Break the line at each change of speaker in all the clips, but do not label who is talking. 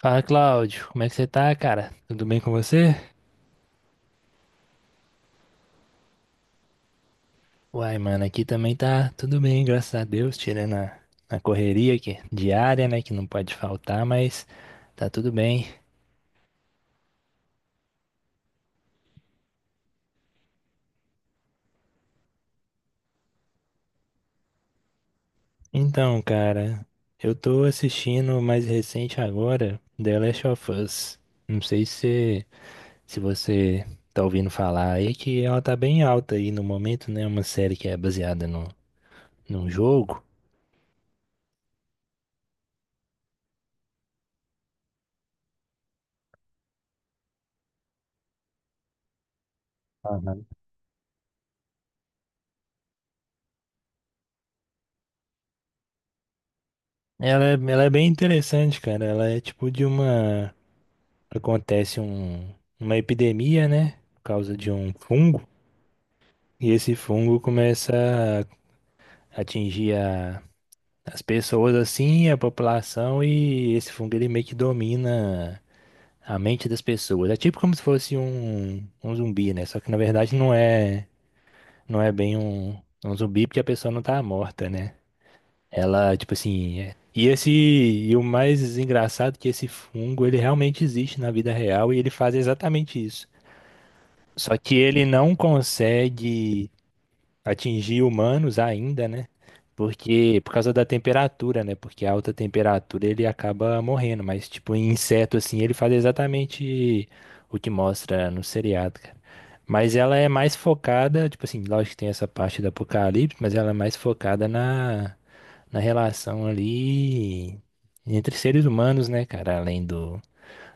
Fala, Cláudio. Como é que você tá, cara? Tudo bem com você? Uai, mano, aqui também tá tudo bem, graças a Deus, tirando a correria aqui, diária, né, que não pode faltar, mas tá tudo bem. Então, cara, eu tô assistindo o mais recente agora, The Last of Us. Não sei se você tá ouvindo falar aí, que ela tá bem alta aí no momento, né, uma série que é baseada no, num jogo. Aham. Ela, ela é bem interessante, cara. Ela é tipo de uma acontece um, uma epidemia, né? Por causa de um fungo. E esse fungo começa a atingir as pessoas assim, a população, e esse fungo ele meio que domina a mente das pessoas. É tipo como se fosse um zumbi, né? Só que na verdade não é bem um zumbi porque a pessoa não tá morta, né? Ela, tipo assim. E esse, e o mais engraçado é que esse fungo, ele realmente existe na vida real e ele faz exatamente isso. Só que ele não consegue atingir humanos ainda, né? Porque por causa da temperatura, né? Porque a alta temperatura ele acaba morrendo, mas tipo em inseto assim, ele faz exatamente o que mostra no seriado, cara. Mas ela é mais focada, tipo assim, lógico que tem essa parte do apocalipse, mas ela é mais focada na relação ali entre seres humanos, né, cara? Além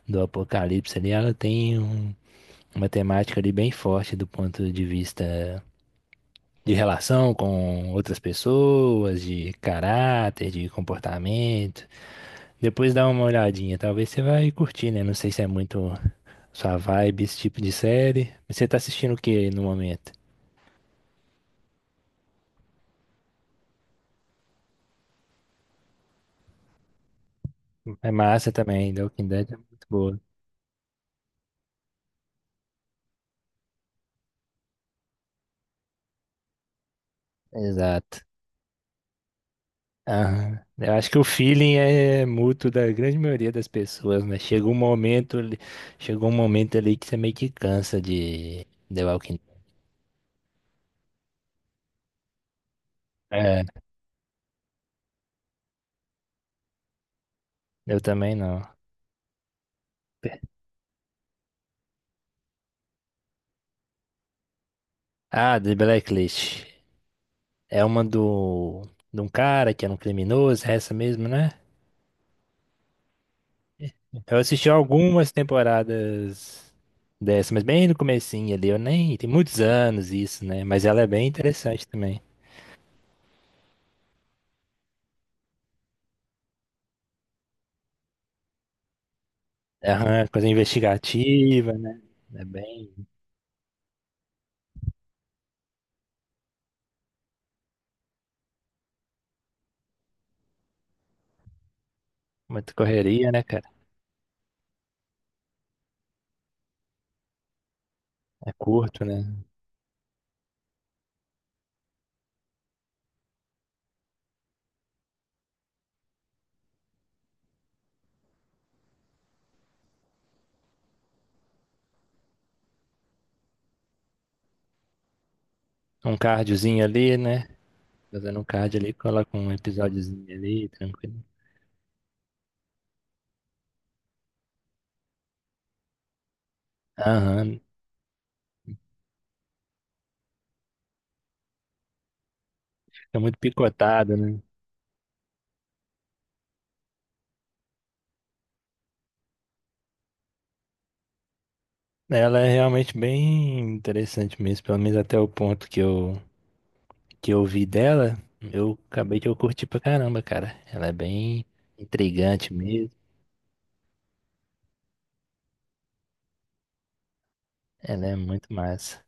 do apocalipse ali, ela tem uma temática ali bem forte do ponto de vista de relação com outras pessoas, de caráter, de comportamento. Depois dá uma olhadinha, talvez você vai curtir, né? Não sei se é muito sua vibe esse tipo de série. Mas você tá assistindo o que no momento? É massa também, The Walking Dead é muito boa. Exato. Aham. Eu acho que o feeling é mútuo da grande maioria das pessoas, né? Chega um momento, chegou um momento ali que você meio que cansa de The Walking Dead. Eu também não. Per- Ah, The Blacklist. É uma do de um cara que era um criminoso, é essa mesmo, né? Eu assisti algumas temporadas dessa, mas bem no comecinho ali, eu nem tem muitos anos isso, né? Mas ela é bem interessante também. Aham, coisa investigativa, né? É bem muita correria, né, cara? É curto, né? Um cardiozinho ali, né? Fazendo um cardio ali, coloca um episódiozinho ali, tranquilo. Aham, fica muito picotado, né? Ela é realmente bem interessante mesmo, pelo menos até o ponto que eu vi dela, eu acabei que eu curti pra caramba, cara. Ela é bem intrigante mesmo, ela é muito massa.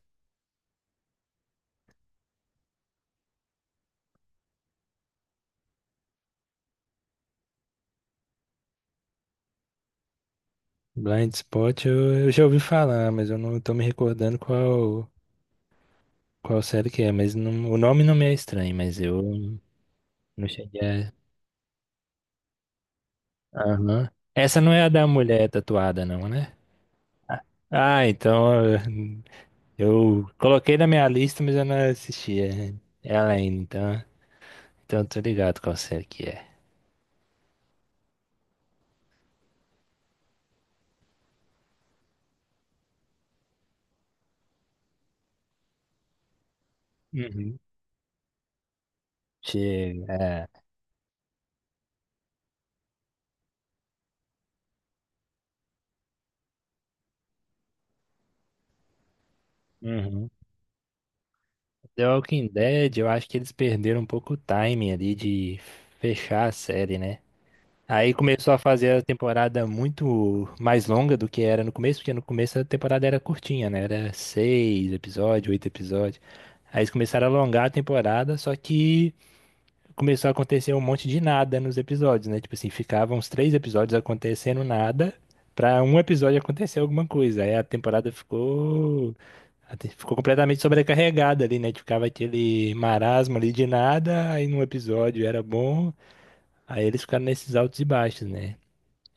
Blind Spot eu já ouvi falar, mas eu não tô me recordando qual série que é, mas o nome não me é estranho, mas eu não cheguei a... Aham. Essa não é a da mulher tatuada não, né? Ah, então eu coloquei na minha lista, mas eu não assisti, é, é ela então... Então, eu tô ligado qual série que é. Uhum. Chega, é. Uhum. The Walking Dead, eu acho que eles perderam um pouco o timing ali de fechar a série, né? Aí começou a fazer a temporada muito mais longa do que era no começo, porque no começo a temporada era curtinha, né? Era seis episódios, oito episódios. Aí eles começaram a alongar a temporada, só que começou a acontecer um monte de nada nos episódios, né? Tipo assim, ficavam uns três episódios acontecendo nada, pra um episódio acontecer alguma coisa. Aí a temporada ficou ficou completamente sobrecarregada ali, né? Tipo, ficava aquele marasmo ali de nada, aí num episódio era bom, aí eles ficaram nesses altos e baixos, né?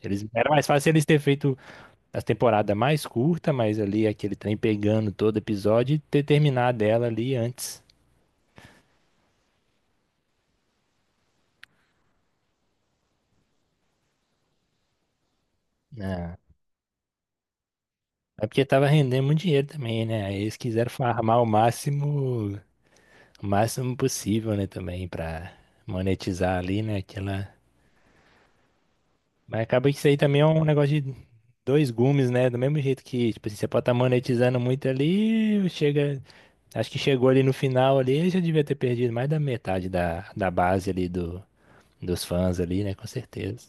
Eles, era mais fácil eles ter feito as temporadas mais curtas, mas ali aquele trem pegando todo episódio e ter terminado ela ali antes. Né? É porque tava rendendo muito dinheiro também, né? Aí eles quiseram farmar o máximo possível, né? Também pra monetizar ali, né? Aquela... Mas acaba que isso aí também é um negócio de dois gumes, né? Do mesmo jeito que, tipo assim, você pode estar monetizando muito ali, chega. Acho que chegou ali no final ali, já devia ter perdido mais da metade da base ali dos fãs ali, né? Com certeza.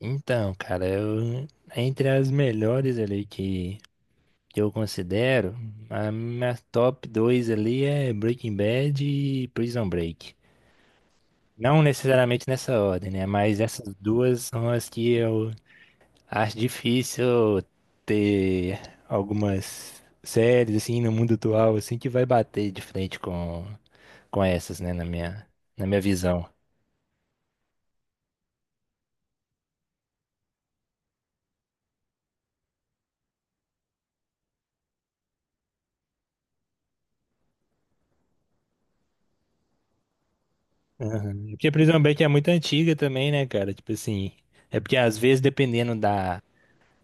Então, cara, eu, entre as melhores ali que eu considero, a minha top 2 ali é Breaking Bad e Prison Break. Não necessariamente nessa ordem, né? Mas essas duas são as que eu acho difícil ter algumas séries assim no mundo atual assim que vai bater de frente com essas, né, na minha visão. Porque Prison Break é muito antiga também, né, cara? Tipo assim, é porque às vezes dependendo da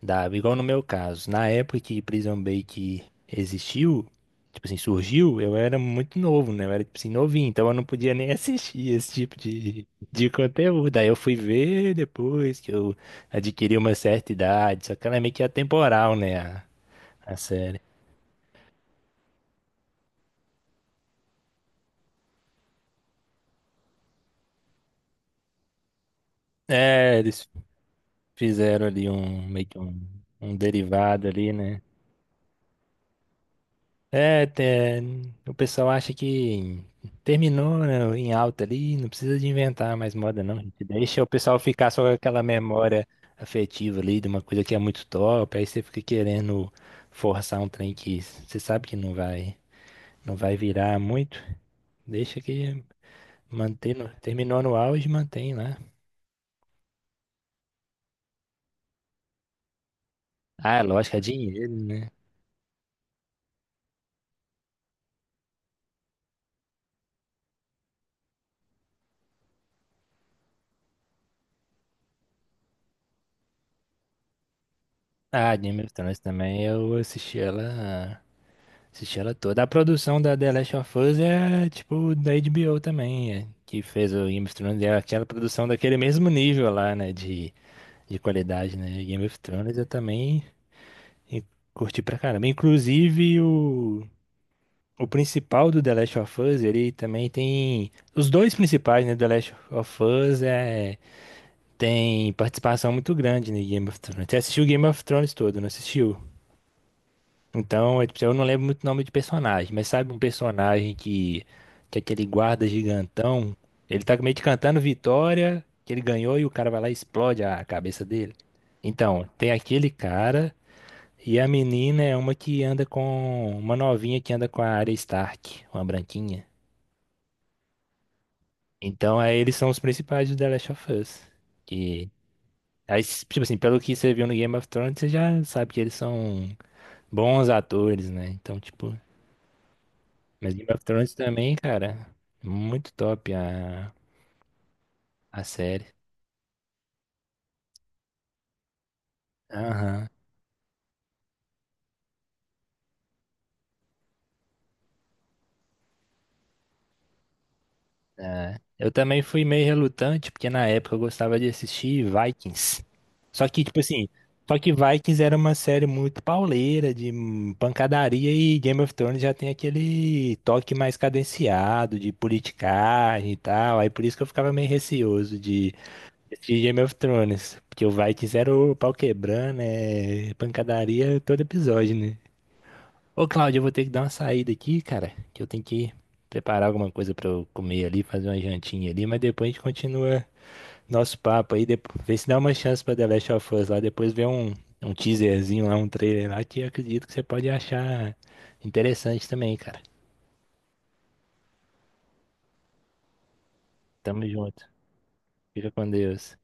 Dava, igual no meu caso. Na época que Prison Break existiu, tipo assim, surgiu, eu era muito novo, né? Eu era, tipo assim, novinho, então eu não podia nem assistir esse tipo de conteúdo. Aí eu fui ver depois que eu adquiri uma certa idade, só que ela é meio que atemporal, né? A série. É, eles fizeram ali um derivado ali, né? É, o pessoal acha que terminou, né, em alta ali, não precisa de inventar mais moda, não. A gente deixa o pessoal ficar só com aquela memória afetiva ali de uma coisa que é muito top, aí você fica querendo forçar um trem que você sabe que não vai virar muito. Deixa que manter no- terminou no auge, mantém lá. Ah, lógico, é dinheiro, né? Ah, Game of Thrones também, eu assisti ela. Assisti ela toda. A produção da The Last of Us é tipo da HBO também, é, que fez o Game of Thrones. É aquela produção daquele mesmo nível lá, né? De qualidade, né? Game of Thrones eu também e- curti pra caramba. Inclusive o principal do The Last of Us, ele também tem. Os dois principais, né? The Last of Us é, tem participação muito grande no Game of Thrones. Você assistiu o Game of Thrones todo, não assistiu? Então, é, tipo, eu não lembro muito o nome de personagem, mas sabe um personagem que é aquele guarda gigantão, ele tá meio que cantando vitória, que ele ganhou e o cara vai lá e explode a cabeça dele. Então, tem aquele cara e a menina é uma que anda com uma novinha que anda com a Arya Stark, uma branquinha. Então, aí eles são os principais do The Last of Us. Que, aí, tipo assim, pelo que você viu no Game of Thrones, você já sabe que eles são bons atores, né? Então, tipo, mas Game of Thrones também, cara. Muito top a série. Aham. Eu também fui meio relutante, porque na época eu gostava de assistir Vikings. Só que, tipo assim, só que Vikings era uma série muito pauleira, de pancadaria, e Game of Thrones já tem aquele toque mais cadenciado, de politicagem e tal. Aí por isso que eu ficava meio receoso de assistir Game of Thrones. Porque o Vikings era o pau quebrando, é pancadaria todo episódio, né? Ô, Cláudio, eu vou ter que dar uma saída aqui, cara, que eu tenho que preparar alguma coisa pra eu comer ali, fazer uma jantinha ali, mas depois a gente continua nosso papo aí, depois, vê se dá uma chance pra The Last of Us lá, depois vê um teaserzinho lá, um trailer lá, que eu acredito que você pode achar interessante também, cara. Tamo junto. Fica com Deus.